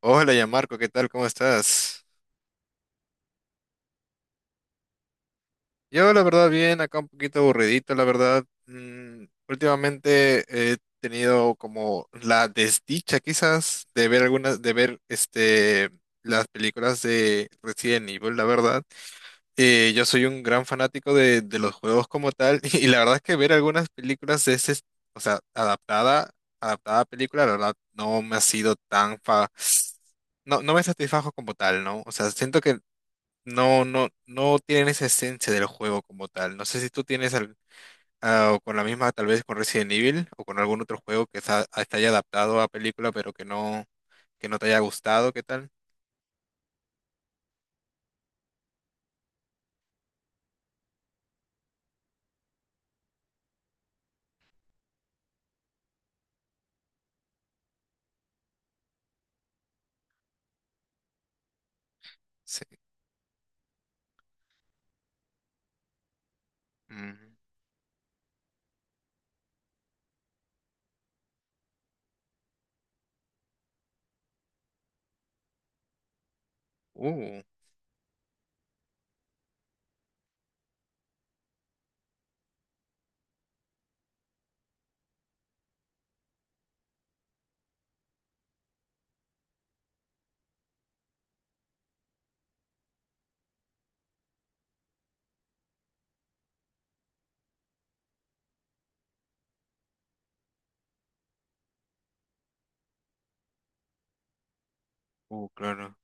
Hola, ya Marco, ¿qué tal? ¿Cómo estás? Yo, la verdad, bien, acá un poquito aburridito, la verdad. Últimamente he tenido como la desdicha, quizás, de ver este, las películas de Resident Evil, la verdad. Yo soy un gran fanático de los juegos como tal, y la verdad es que ver algunas películas de ese, o sea, adaptada a película, la verdad, no me ha sido tan fa no me satisfajo como tal, ¿no? O sea, siento que no, no, no tienen esa esencia del juego como tal. No sé si tú tienes o con la misma, tal vez con Resident Evil o con algún otro juego que haya adaptado a película, pero que no te haya gustado, ¿qué tal? Sí. Mm. Uh, claro.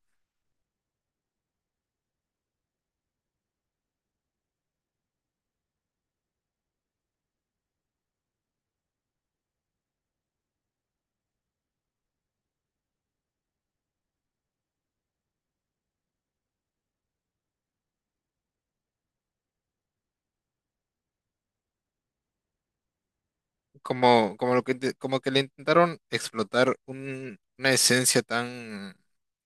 Como como que le intentaron explotar una esencia tan,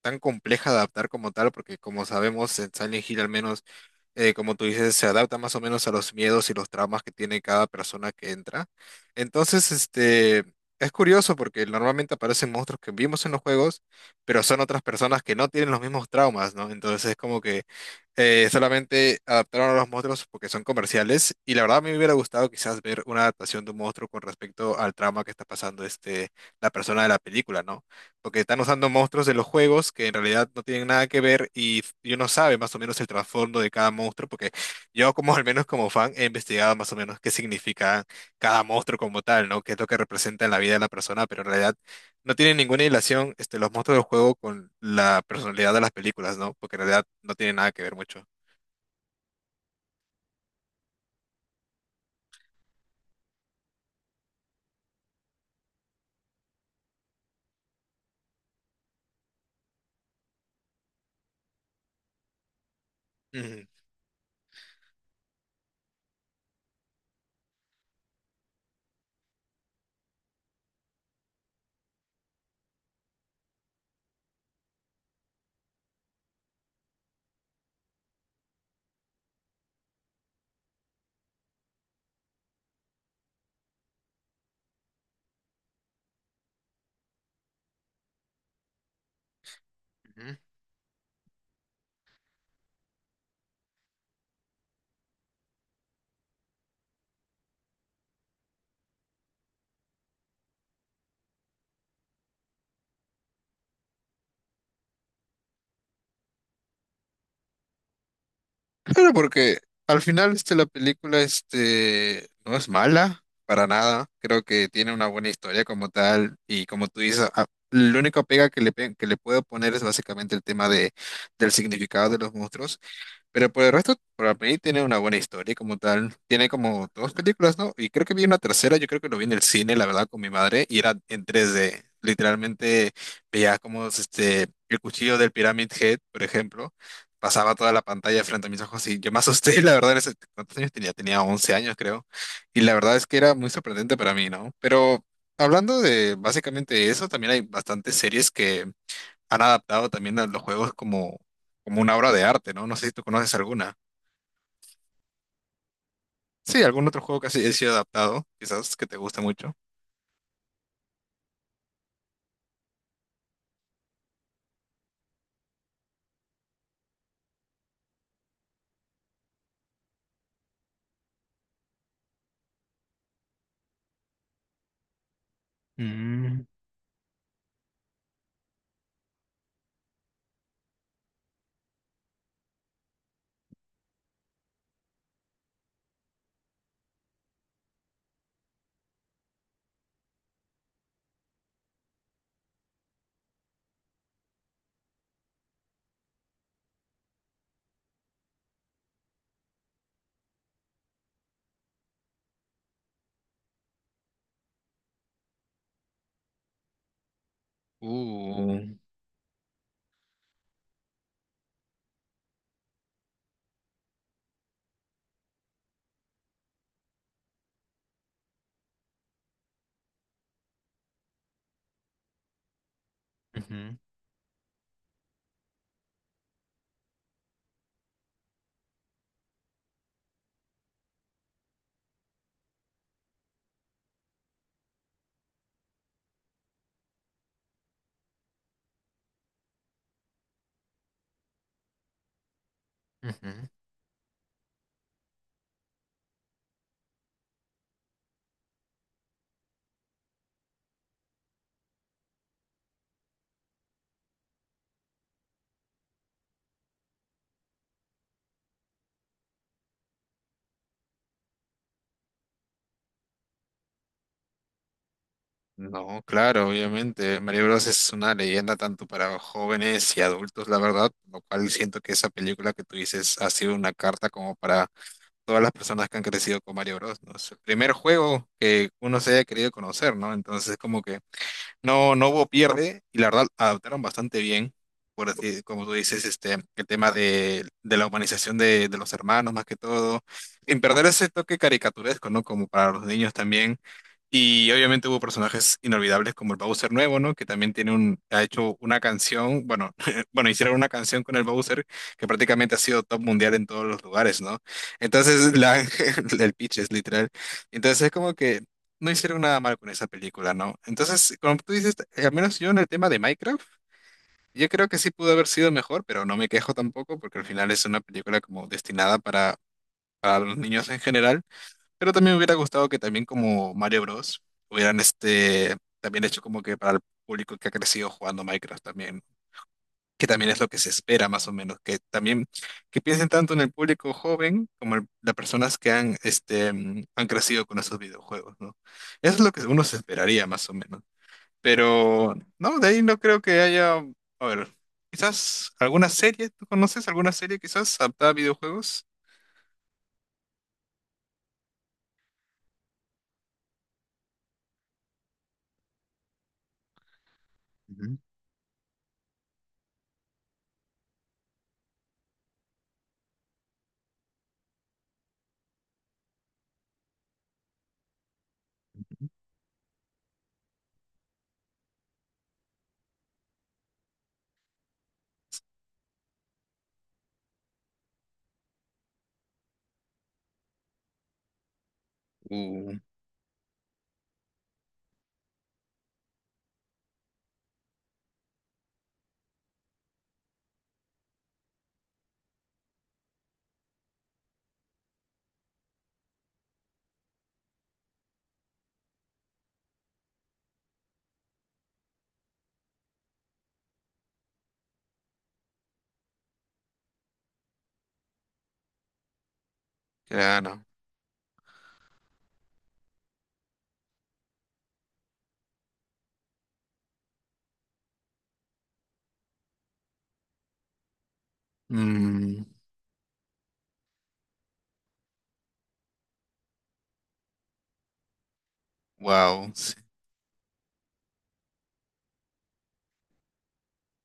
tan compleja de adaptar como tal, porque como sabemos, en Silent Hill al menos, como tú dices, se adapta más o menos a los miedos y los traumas que tiene cada persona que entra. Entonces, este, es curioso porque normalmente aparecen monstruos que vimos en los juegos, pero son otras personas que no tienen los mismos traumas, ¿no? Entonces es como que solamente adaptaron a los monstruos porque son comerciales y la verdad a mí me hubiera gustado quizás ver una adaptación de un monstruo con respecto al trama que está pasando este, la persona de la película, ¿no? Porque están usando monstruos de los juegos que en realidad no tienen nada que ver y yo no sabe más o menos el trasfondo de cada monstruo porque yo como al menos como fan he investigado más o menos qué significa cada monstruo como tal, ¿no? Qué es lo que representa en la vida de la persona, pero en realidad no tienen ninguna relación este, los monstruos del juego con la personalidad de las películas, ¿no? Porque en realidad no tienen nada que ver mucho. Ujú, ujú. Claro, porque al final este, la película este, no es mala para nada. Creo que tiene una buena historia como tal. Y como tú dices, la única pega que que le puedo poner es básicamente el tema de, del significado de los monstruos. Pero por el resto, para mí tiene una buena historia como tal. Tiene como dos películas, ¿no? Y creo que vi una tercera, yo creo que lo vi en el cine, la verdad, con mi madre, y era en 3D. Literalmente veía como este, el cuchillo del Pyramid Head, por ejemplo, pasaba toda la pantalla frente a mis ojos y yo me asusté, la verdad, ¿cuántos años tenía? Tenía 11 años, creo. Y la verdad es que era muy sorprendente para mí, ¿no? Pero hablando de básicamente eso, también hay bastantes series que han adaptado también a los juegos como, como una obra de arte, ¿no? No sé si tú conoces alguna. Sí, algún otro juego que ha sido adaptado, quizás que te guste mucho. Uh, Ujú, ujú. No, claro, obviamente. Mario Bros. Es una leyenda tanto para jóvenes y adultos, la verdad, lo cual siento que esa película que tú dices ha sido una carta como para todas las personas que han crecido con Mario Bros., ¿no? Es el primer juego que uno se haya querido conocer, ¿no? Entonces, como que no, no hubo pierde y la verdad adaptaron bastante bien, como tú dices, este, el tema de la humanización de los hermanos más que todo, en perder ese toque caricaturesco, ¿no? Como para los niños también. Y obviamente hubo personajes inolvidables como el Bowser nuevo, ¿no? Que también ha hecho una canción, bueno, bueno, hicieron una canción con el Bowser que prácticamente ha sido top mundial en todos los lugares, ¿no? Entonces, la, el pitch es literal. Entonces es como que no hicieron nada mal con esa película, ¿no? Entonces, como tú dices, al menos yo en el tema de Minecraft, yo creo que sí pudo haber sido mejor, pero no me quejo tampoco porque al final es una película como destinada para los niños en general. Pero también me hubiera gustado que también como Mario Bros. Hubieran este, también hecho como que para el público que ha crecido jugando Minecraft también, que también es lo que se espera más o menos, que también que piensen tanto en el público joven como en las personas que este, han crecido con esos videojuegos, ¿no? Eso es lo que uno se esperaría más o menos. Pero no, de ahí no creo que haya, a ver, quizás alguna serie, ¿tú conoces alguna serie quizás adaptada a videojuegos? Ujú. Uh, claro. Wow.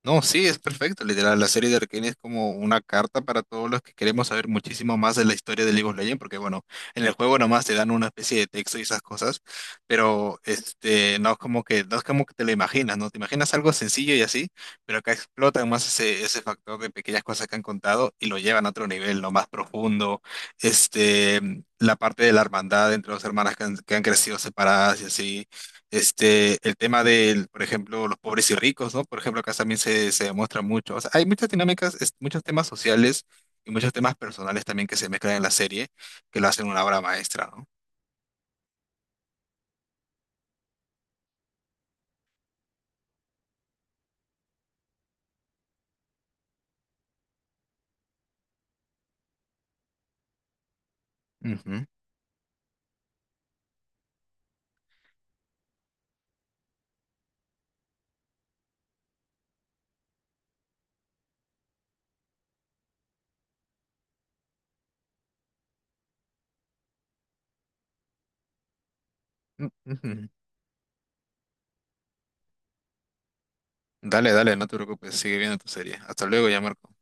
No, sí, es perfecto. Literal, la serie de Arcane es como una carta para todos los que queremos saber muchísimo más de la historia de League of Legends, porque bueno, en el juego nomás te dan una especie de texto y esas cosas, pero este, no es como que, no es como que te lo imaginas, ¿no? Te imaginas algo sencillo y así, pero acá explotan más ese, ese factor de pequeñas cosas que han contado y lo llevan a otro nivel, ¿no? Más profundo. Este, la parte de la hermandad entre las hermanas que han crecido separadas y así. Este, el tema del, por ejemplo, los pobres y ricos, ¿no? Por ejemplo, acá también se demuestra mucho. O sea, hay muchas dinámicas, muchos temas sociales y muchos temas personales también que se mezclan en la serie, que lo hacen una obra maestra, ¿no? Ujú. Mm, ujú. Dale, dale, no te preocupes, sigue viendo tu serie. Hasta luego, ya, Marco.